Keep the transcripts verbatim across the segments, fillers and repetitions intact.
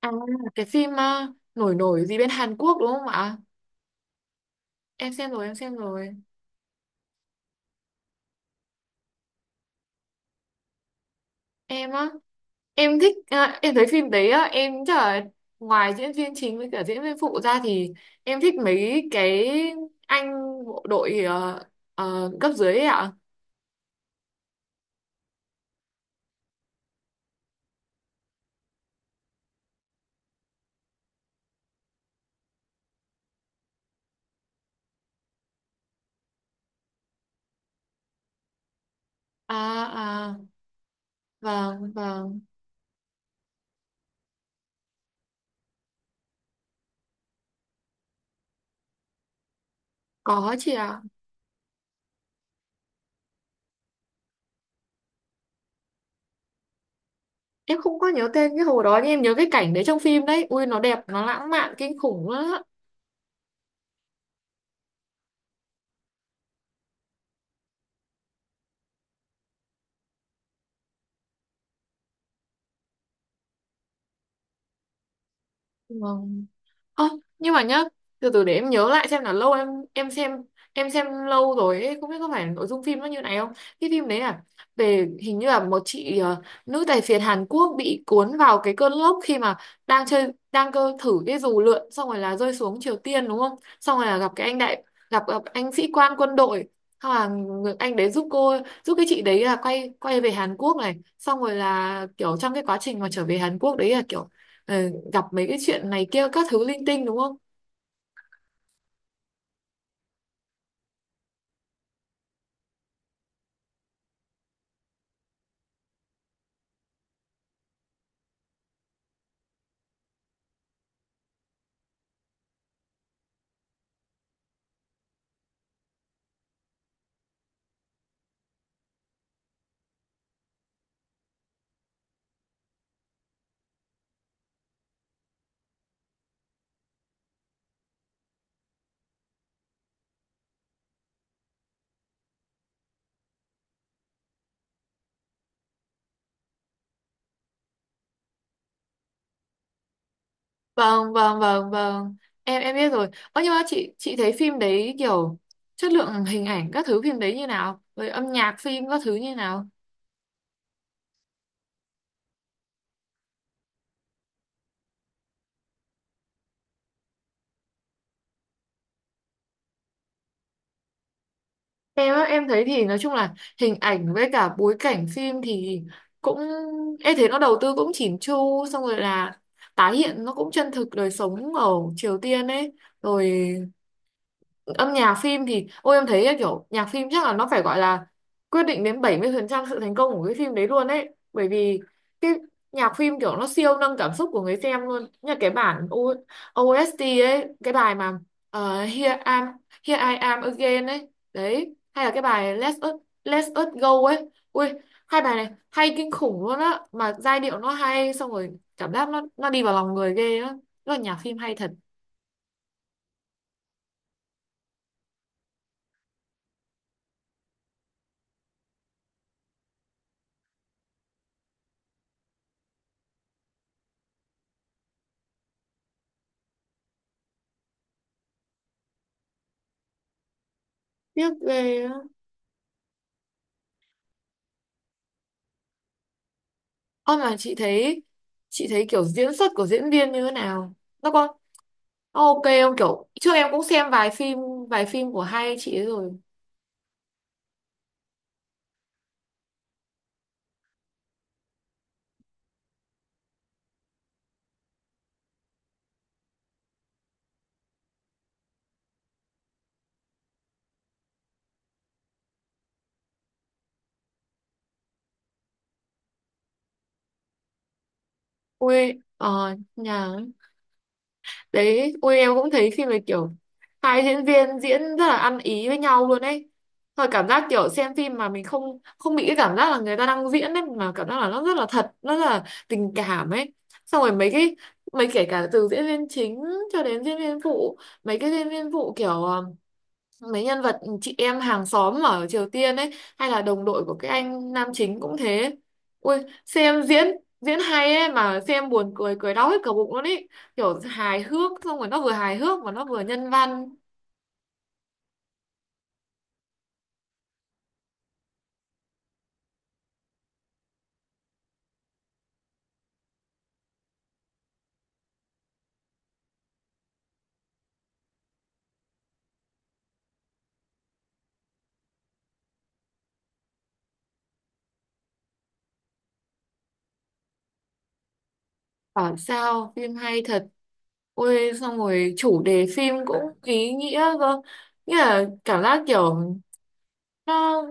À, cái phim uh, nổi nổi gì bên Hàn Quốc đúng không ạ? Em xem rồi, em xem rồi. Em á, em thích, à, em thấy phim đấy á, em chắc là ngoài diễn viên chính với cả diễn viên phụ ra thì em thích mấy cái anh bộ đội ờ, ờ, cấp dưới ấy ạ. À, à, vâng, vâng, có chị ạ. Em không có nhớ tên cái hồ đó nhưng em nhớ cái cảnh đấy trong phim đấy. Ui, nó đẹp, nó lãng mạn, kinh khủng lắm. Vâng. Ơ, nhưng mà nhá, từ từ để em nhớ lại xem là lâu em em xem em xem lâu rồi ấy, không biết có phải nội dung phim nó như này không? Cái phim đấy là về hình như là một chị ờ, nữ tài phiệt Hàn Quốc bị cuốn vào cái cơn lốc khi mà đang chơi đang cơ thử cái dù lượn xong rồi là rơi xuống Triều Tiên đúng không? Xong rồi là gặp cái anh đại gặp gặp anh sĩ quan quân đội. Xong là người- anh đấy giúp cô giúp cái chị đấy là quay quay về Hàn Quốc này, xong rồi là kiểu trong cái quá trình mà trở về Hàn Quốc đấy là kiểu ờ, gặp mấy cái chuyện này kia các thứ linh tinh đúng không? Vâng vâng vâng vâng, em em biết rồi. Ơ nhưng mà chị chị thấy phim đấy kiểu chất lượng hình ảnh các thứ phim đấy như nào? Rồi âm nhạc phim các thứ như nào? Em á, em thấy thì nói chung là hình ảnh với cả bối cảnh phim thì cũng em thấy nó đầu tư cũng chỉn chu xong rồi là tái hiện nó cũng chân thực đời sống ở Triều Tiên ấy, rồi âm nhạc phim thì ôi em thấy ấy, kiểu nhạc phim chắc là nó phải gọi là quyết định đến bảy mươi phần trăm sự thành công của cái phim đấy luôn ấy, bởi vì cái nhạc phim kiểu nó siêu nâng cảm xúc của người xem luôn như cái bản O- ô ét tê ấy, cái bài mà ờ, Here I'm Here I Am Again ấy đấy, hay là cái bài Let Us Let Us Go ấy, ui hai bài này hay kinh khủng luôn á, mà giai điệu nó hay xong rồi cảm giác nó nó đi vào lòng người ghê á, nó là nhạc phim hay thật, tiếc ghê á. Ơ mà chị thấy, chị thấy kiểu diễn xuất của diễn viên như thế nào? Nó có nó ok không, kiểu trước em cũng xem vài phim vài phim của hai chị ấy rồi. Ui ờ nhà đấy, ui em cũng thấy phim này kiểu hai diễn viên diễn rất là ăn ý với nhau luôn ấy. Thôi cảm giác kiểu xem phim mà mình không không bị cái cảm giác là người ta đang diễn ấy, mà cảm giác là nó rất là thật, nó rất là tình cảm ấy. Xong rồi mấy cái mấy kể cả từ diễn viên chính cho đến diễn viên phụ, mấy cái diễn viên phụ kiểu ờ, mấy nhân vật chị em hàng xóm ở Triều Tiên ấy, hay là đồng đội của cái anh nam chính cũng thế, ui xem diễn diễn hay ấy mà xem buồn cười cười đau hết cả bụng luôn ấy, kiểu hài hước xong rồi nó vừa hài hước mà nó vừa nhân văn, bảo sao phim hay thật. Ôi xong rồi chủ đề phim cũng ý nghĩa, cơ nghĩa là cảm giác kiểu nó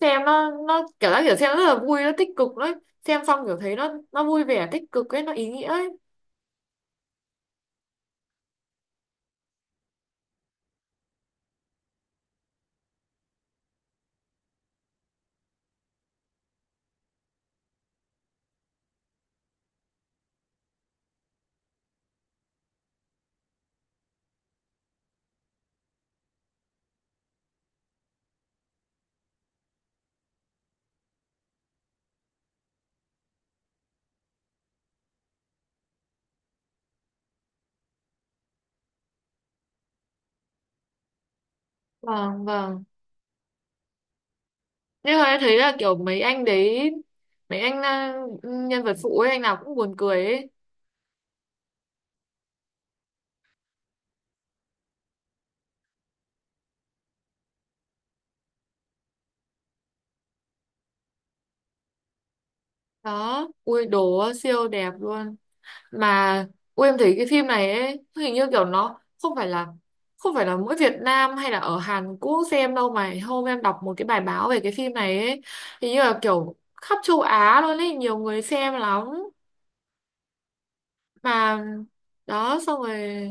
xem nó nó cảm giác kiểu xem rất là vui, nó tích cực đấy, xem xong kiểu thấy nó nó vui vẻ tích cực ấy, nó ý nghĩa ấy. Vâng vâng. Nhưng mà em thấy là kiểu mấy anh đấy, mấy anh à, nhân vật phụ ấy, anh nào cũng buồn cười ấy. Đó, ui đồ siêu đẹp luôn. Mà ui em thấy cái phim này ấy, hình như kiểu nó không phải là không phải là mỗi Việt Nam hay là ở Hàn Quốc xem đâu, mà hôm em đọc một cái bài báo về cái phim này ấy, hình như là kiểu khắp châu Á luôn ấy, nhiều người xem lắm. Mà đó xong rồi,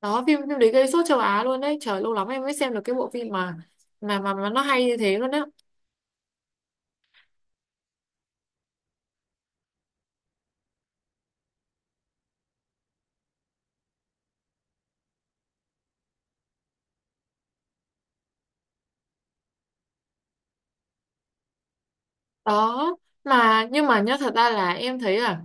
đó phim phim đấy gây sốt châu Á luôn đấy. Trời lâu lắm em mới xem được cái bộ phim mà mà mà, mà nó hay như thế luôn đấy. Đó mà nhưng mà nhá, thật ra là em thấy là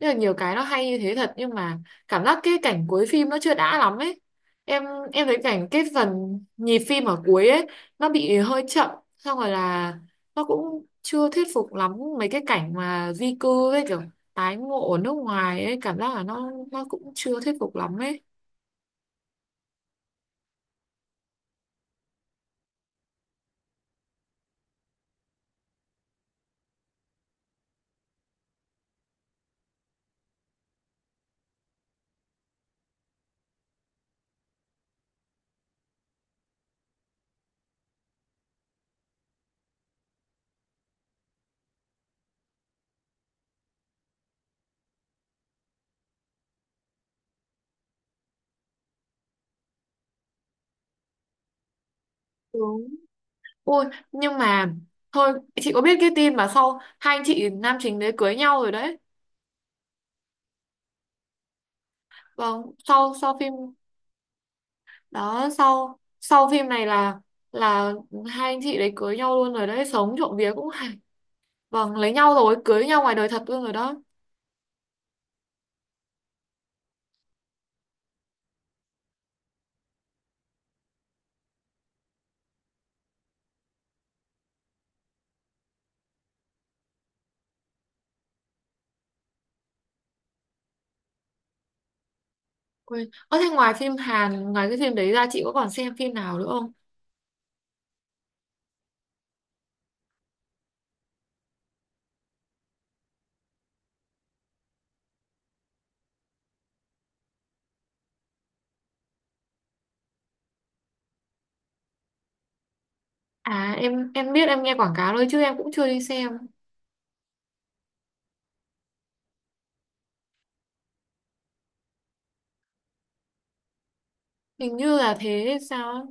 rất là nhiều cái nó hay như thế thật, nhưng mà cảm giác cái cảnh cuối phim nó chưa đã lắm ấy. Em em thấy cảnh cái phần nhịp phim ở cuối ấy nó bị hơi chậm, xong rồi là nó cũng chưa thuyết phục lắm mấy cái cảnh mà di cư với kiểu tái ngộ ở nước ngoài ấy, cảm giác là nó nó cũng chưa thuyết phục lắm ấy. Đúng. Ôi nhưng mà thôi, chị có biết cái tin mà sau hai anh chị nam chính đấy cưới nhau rồi đấy. Vâng, sau sau phim đó, sau sau phim này là là hai anh chị đấy cưới nhau luôn rồi đấy, sống trộm vía cũng hay. Vâng lấy nhau rồi cưới nhau ngoài đời thật luôn rồi đó. Quên ơ thế ngoài phim Hàn ngoài cái phim đấy ra chị có còn xem phim nào nữa không? À em em biết, em nghe quảng cáo thôi chứ em cũng chưa đi xem. Hình như là thế hay sao ấy.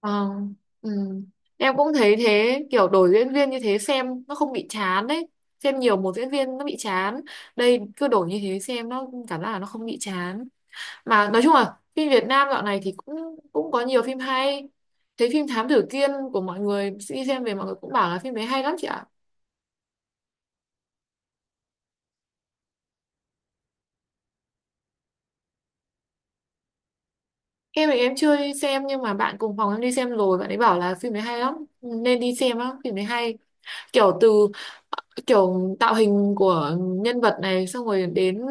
Ờ, ừ. Em cũng thấy thế, kiểu đổi diễn viên như thế xem nó không bị chán đấy, xem nhiều một diễn viên nó bị chán, đây cứ đổi như thế xem nó cảm giác là nó không bị chán. Mà nói chung là phim Việt Nam dạo này thì cũng cũng có nhiều phim hay, thấy phim Thám Tử Kiên của mọi người đi xem về mọi người cũng bảo là phim đấy hay lắm chị ạ. Em thì em chưa đi xem nhưng mà bạn cùng phòng em đi xem rồi, bạn ấy bảo là phim đấy hay lắm nên đi xem á, phim đấy hay kiểu từ kiểu tạo hình của nhân vật này xong rồi đến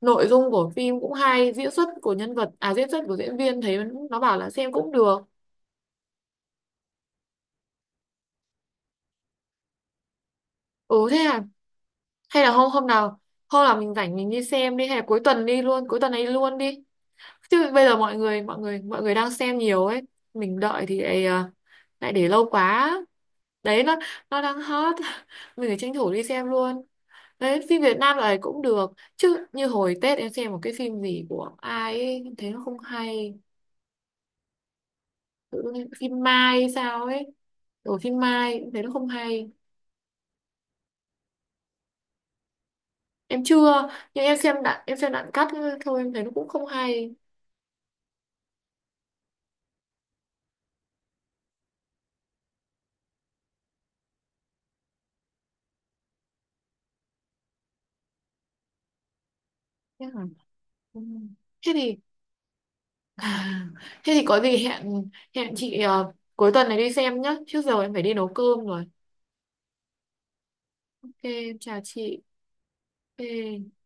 nội dung của phim cũng hay, diễn xuất của nhân vật à diễn xuất của diễn viên thấy, nó bảo là xem cũng được. Ừ thế à, hay là hôm hôm nào hôm nào mình rảnh mình đi xem đi, hay là cuối tuần đi luôn cuối tuần ấy luôn đi, chứ bây giờ mọi người mọi người mọi người đang xem nhiều ấy, mình đợi thì lại, à, lại để lâu quá, đấy nó nó đang hot. Mình phải tranh thủ đi xem luôn, đấy phim Việt Nam lại cũng được chứ, như hồi Tết em xem một cái phim gì của ai ấy em thấy nó không hay. Tự nhiên phim Mai hay sao ấy, ở phim Mai em thấy nó không hay. Em chưa, nhưng em xem đoạn em xem đoạn cắt thôi, em thấy nó cũng không hay. Ừ. Thế thì à, thế thì có gì hẹn hẹn chị ờ, cuối tuần này đi xem nhá. Trước giờ em phải đi nấu cơm rồi. Ok, em chào chị. Ok.